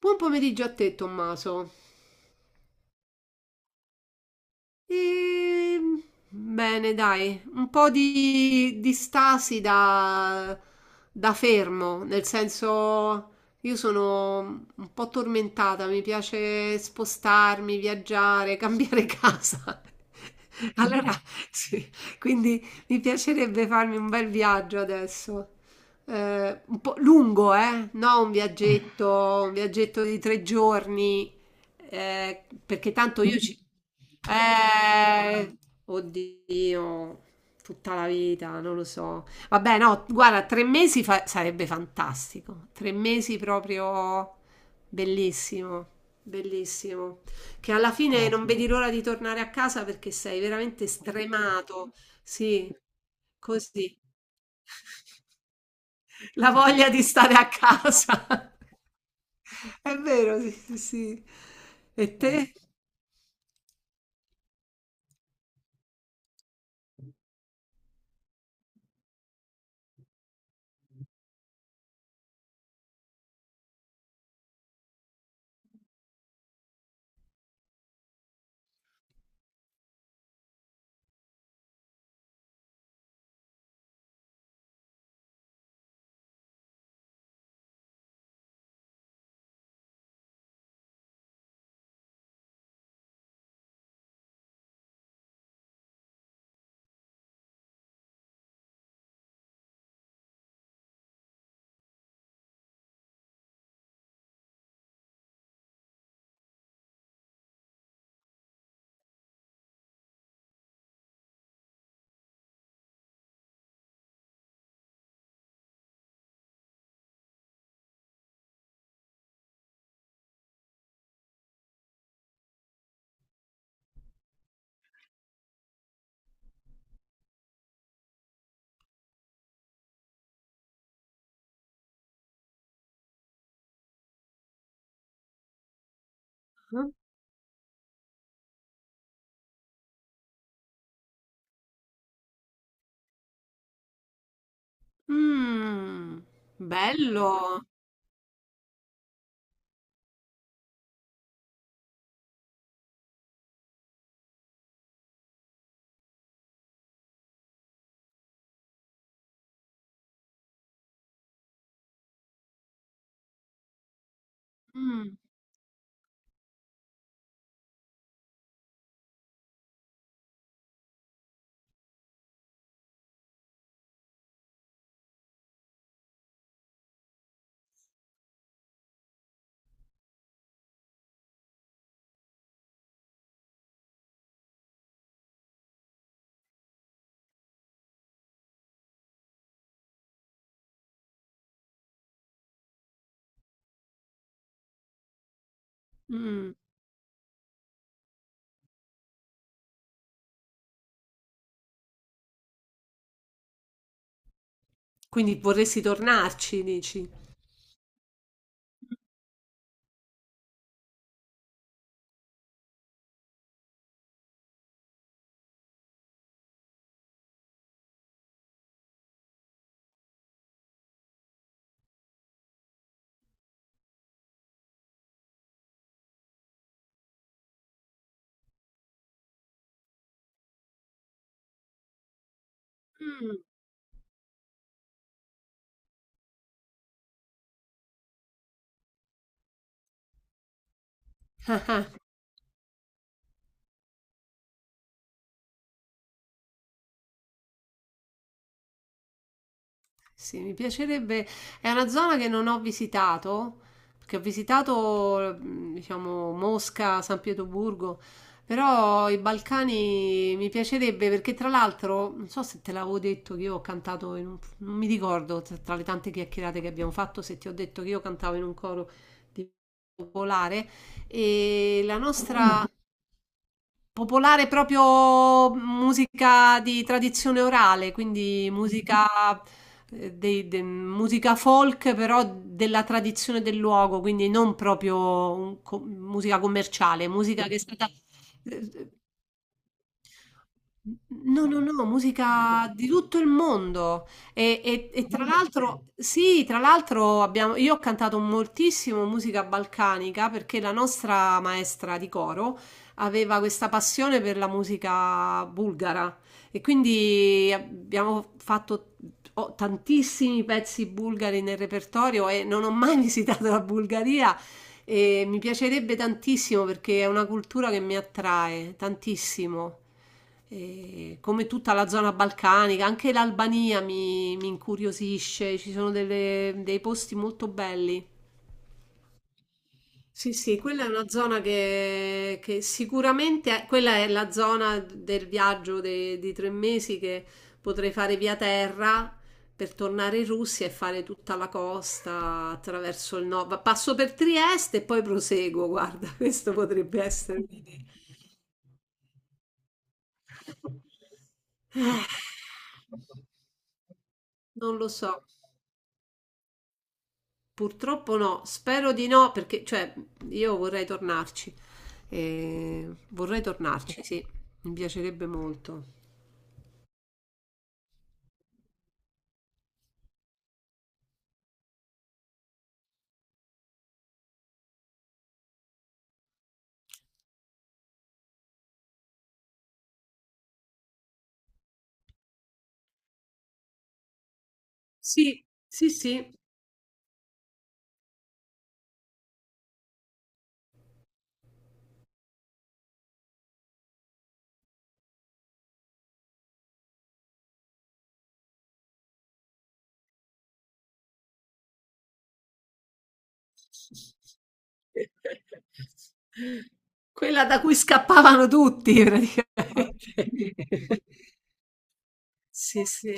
Buon pomeriggio a te, Tommaso. Ehm, Bene, dai, un po' di stasi da fermo, nel senso io sono un po' tormentata, mi piace spostarmi, viaggiare, cambiare casa. Allora, sì, quindi mi piacerebbe farmi un bel viaggio adesso. Un po' lungo, eh? No, un viaggetto di 3 giorni, perché tanto io ci eh, oddio, tutta la vita, non lo so. Vabbè, no, guarda, 3 mesi sarebbe fantastico. Tre mesi proprio bellissimo, bellissimo. Che alla fine non vedi l'ora di tornare a casa perché sei veramente stremato. Sì, così. La voglia di stare a casa. È vero, sì, sì. Sì. E te? Mm, bello. Mm, mm. Quindi vorresti tornarci, dici? Mm, sì, mi piacerebbe. È una zona che non ho visitato, perché ho visitato, diciamo, Mosca, San Pietroburgo, però i Balcani mi piacerebbe perché tra l'altro, non so se te l'avevo detto che io ho cantato in un... non mi ricordo tra le tante chiacchierate che abbiamo fatto se ti ho detto che io cantavo in un coro di popolare e la nostra... Popolare proprio musica di tradizione orale, quindi musica, musica folk, però della tradizione del luogo, quindi non proprio musica commerciale, musica che è stata eh, no, no, no, musica di tutto il mondo. E tra l'altro, sì, tra l'altro abbiamo, io ho cantato moltissimo musica balcanica perché la nostra maestra di coro aveva questa passione per la musica bulgara e quindi abbiamo fatto ho tantissimi pezzi bulgari nel repertorio e non ho mai visitato la Bulgaria, e mi piacerebbe tantissimo perché è una cultura che mi attrae tantissimo. E come tutta la zona balcanica, anche l'Albania mi incuriosisce, ci sono dei posti molto belli. Sì, sì, quella è una zona che sicuramente quella è la zona del viaggio di 3 mesi che potrei fare via terra per tornare in Russia e fare tutta la costa attraverso il nord. Passo per Trieste e poi proseguo, guarda, questo potrebbe essere. Eh, Non lo so. Purtroppo no, spero di no perché cioè, io vorrei tornarci. Vorrei tornarci, sì, mi piacerebbe molto. Sì, sì, sì. Quella da cui scappavano tutti praticamente. Sì, sì.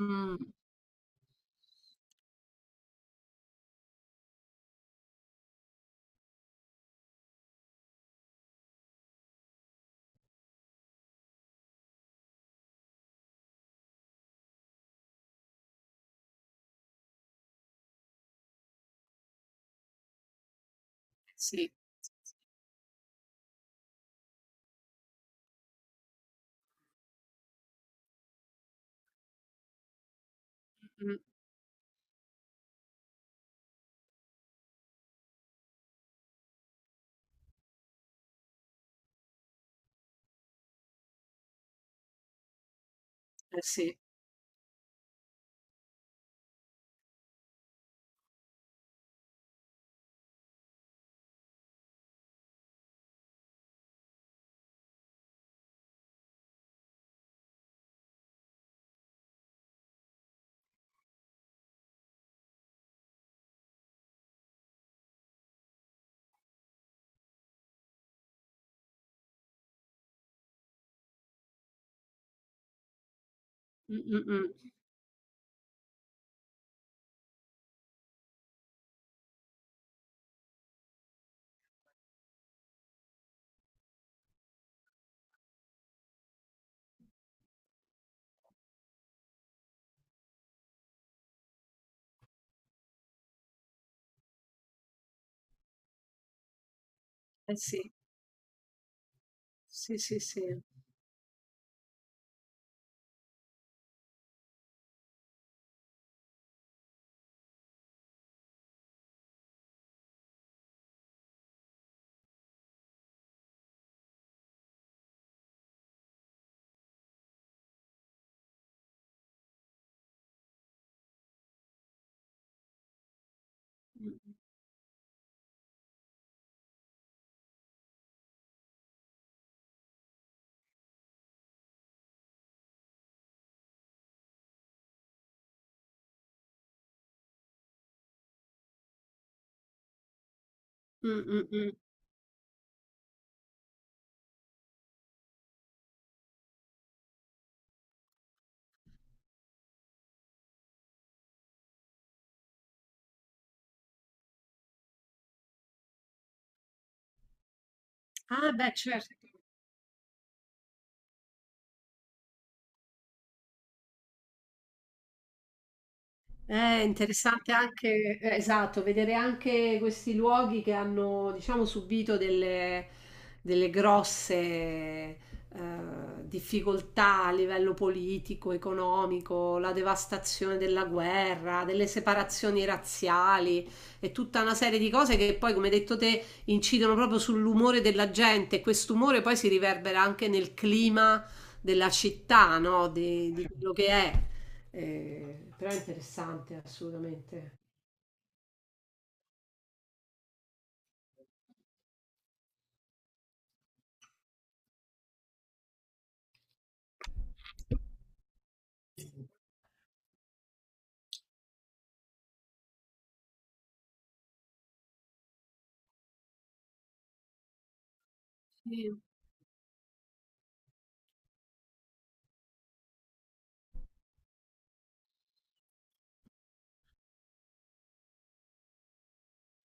Mm, sì. Mm, eh sì. Mm, mm, mm. Eh sì. Sì, sì, sì. Mm, mm, mm. Ah, beh, certo. È interessante anche, esatto, vedere anche questi luoghi che hanno, diciamo, subito delle, grosse difficoltà a livello politico, economico, la devastazione della guerra, delle separazioni razziali e tutta una serie di cose che poi, come hai detto te, incidono proprio sull'umore della gente e quest'umore poi si riverbera anche nel clima della città, no? Di quello che è. Però è interessante assolutamente. Sì.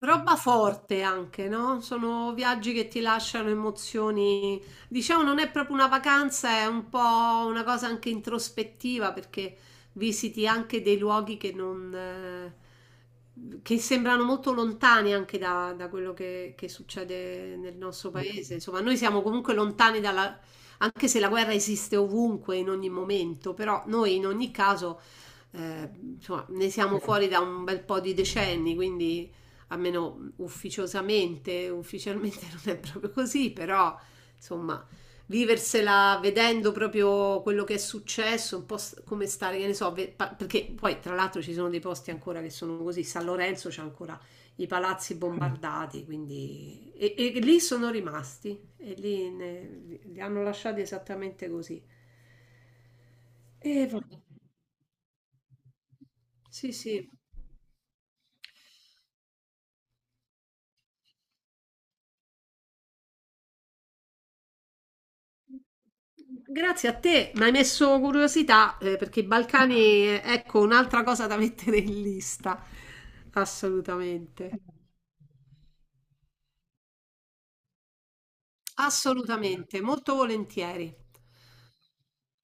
Roba forte anche, no? Sono viaggi che ti lasciano emozioni. Diciamo, non è proprio una vacanza, è un po' una cosa anche introspettiva perché visiti anche dei luoghi che non, che sembrano molto lontani anche da quello che succede nel nostro paese. Insomma, noi siamo comunque lontani dalla, anche se la guerra esiste ovunque, in ogni momento, però noi in ogni caso, eh, insomma, ne siamo fuori da un bel po' di decenni, quindi almeno ufficiosamente, ufficialmente non è proprio così, però insomma, viversela vedendo proprio quello che è successo, un po' come stare, che ne so, perché poi tra l'altro ci sono dei posti ancora che sono così, San Lorenzo c'è ancora i palazzi bombardati, quindi e lì sono rimasti e lì li hanno lasciati esattamente così. E vabbè, sì, sì. Grazie a te, mi hai messo curiosità perché i Balcani, ecco, un'altra cosa da mettere in lista. Assolutamente, assolutamente, molto volentieri.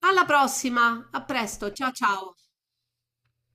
Alla prossima, a presto, ciao ciao.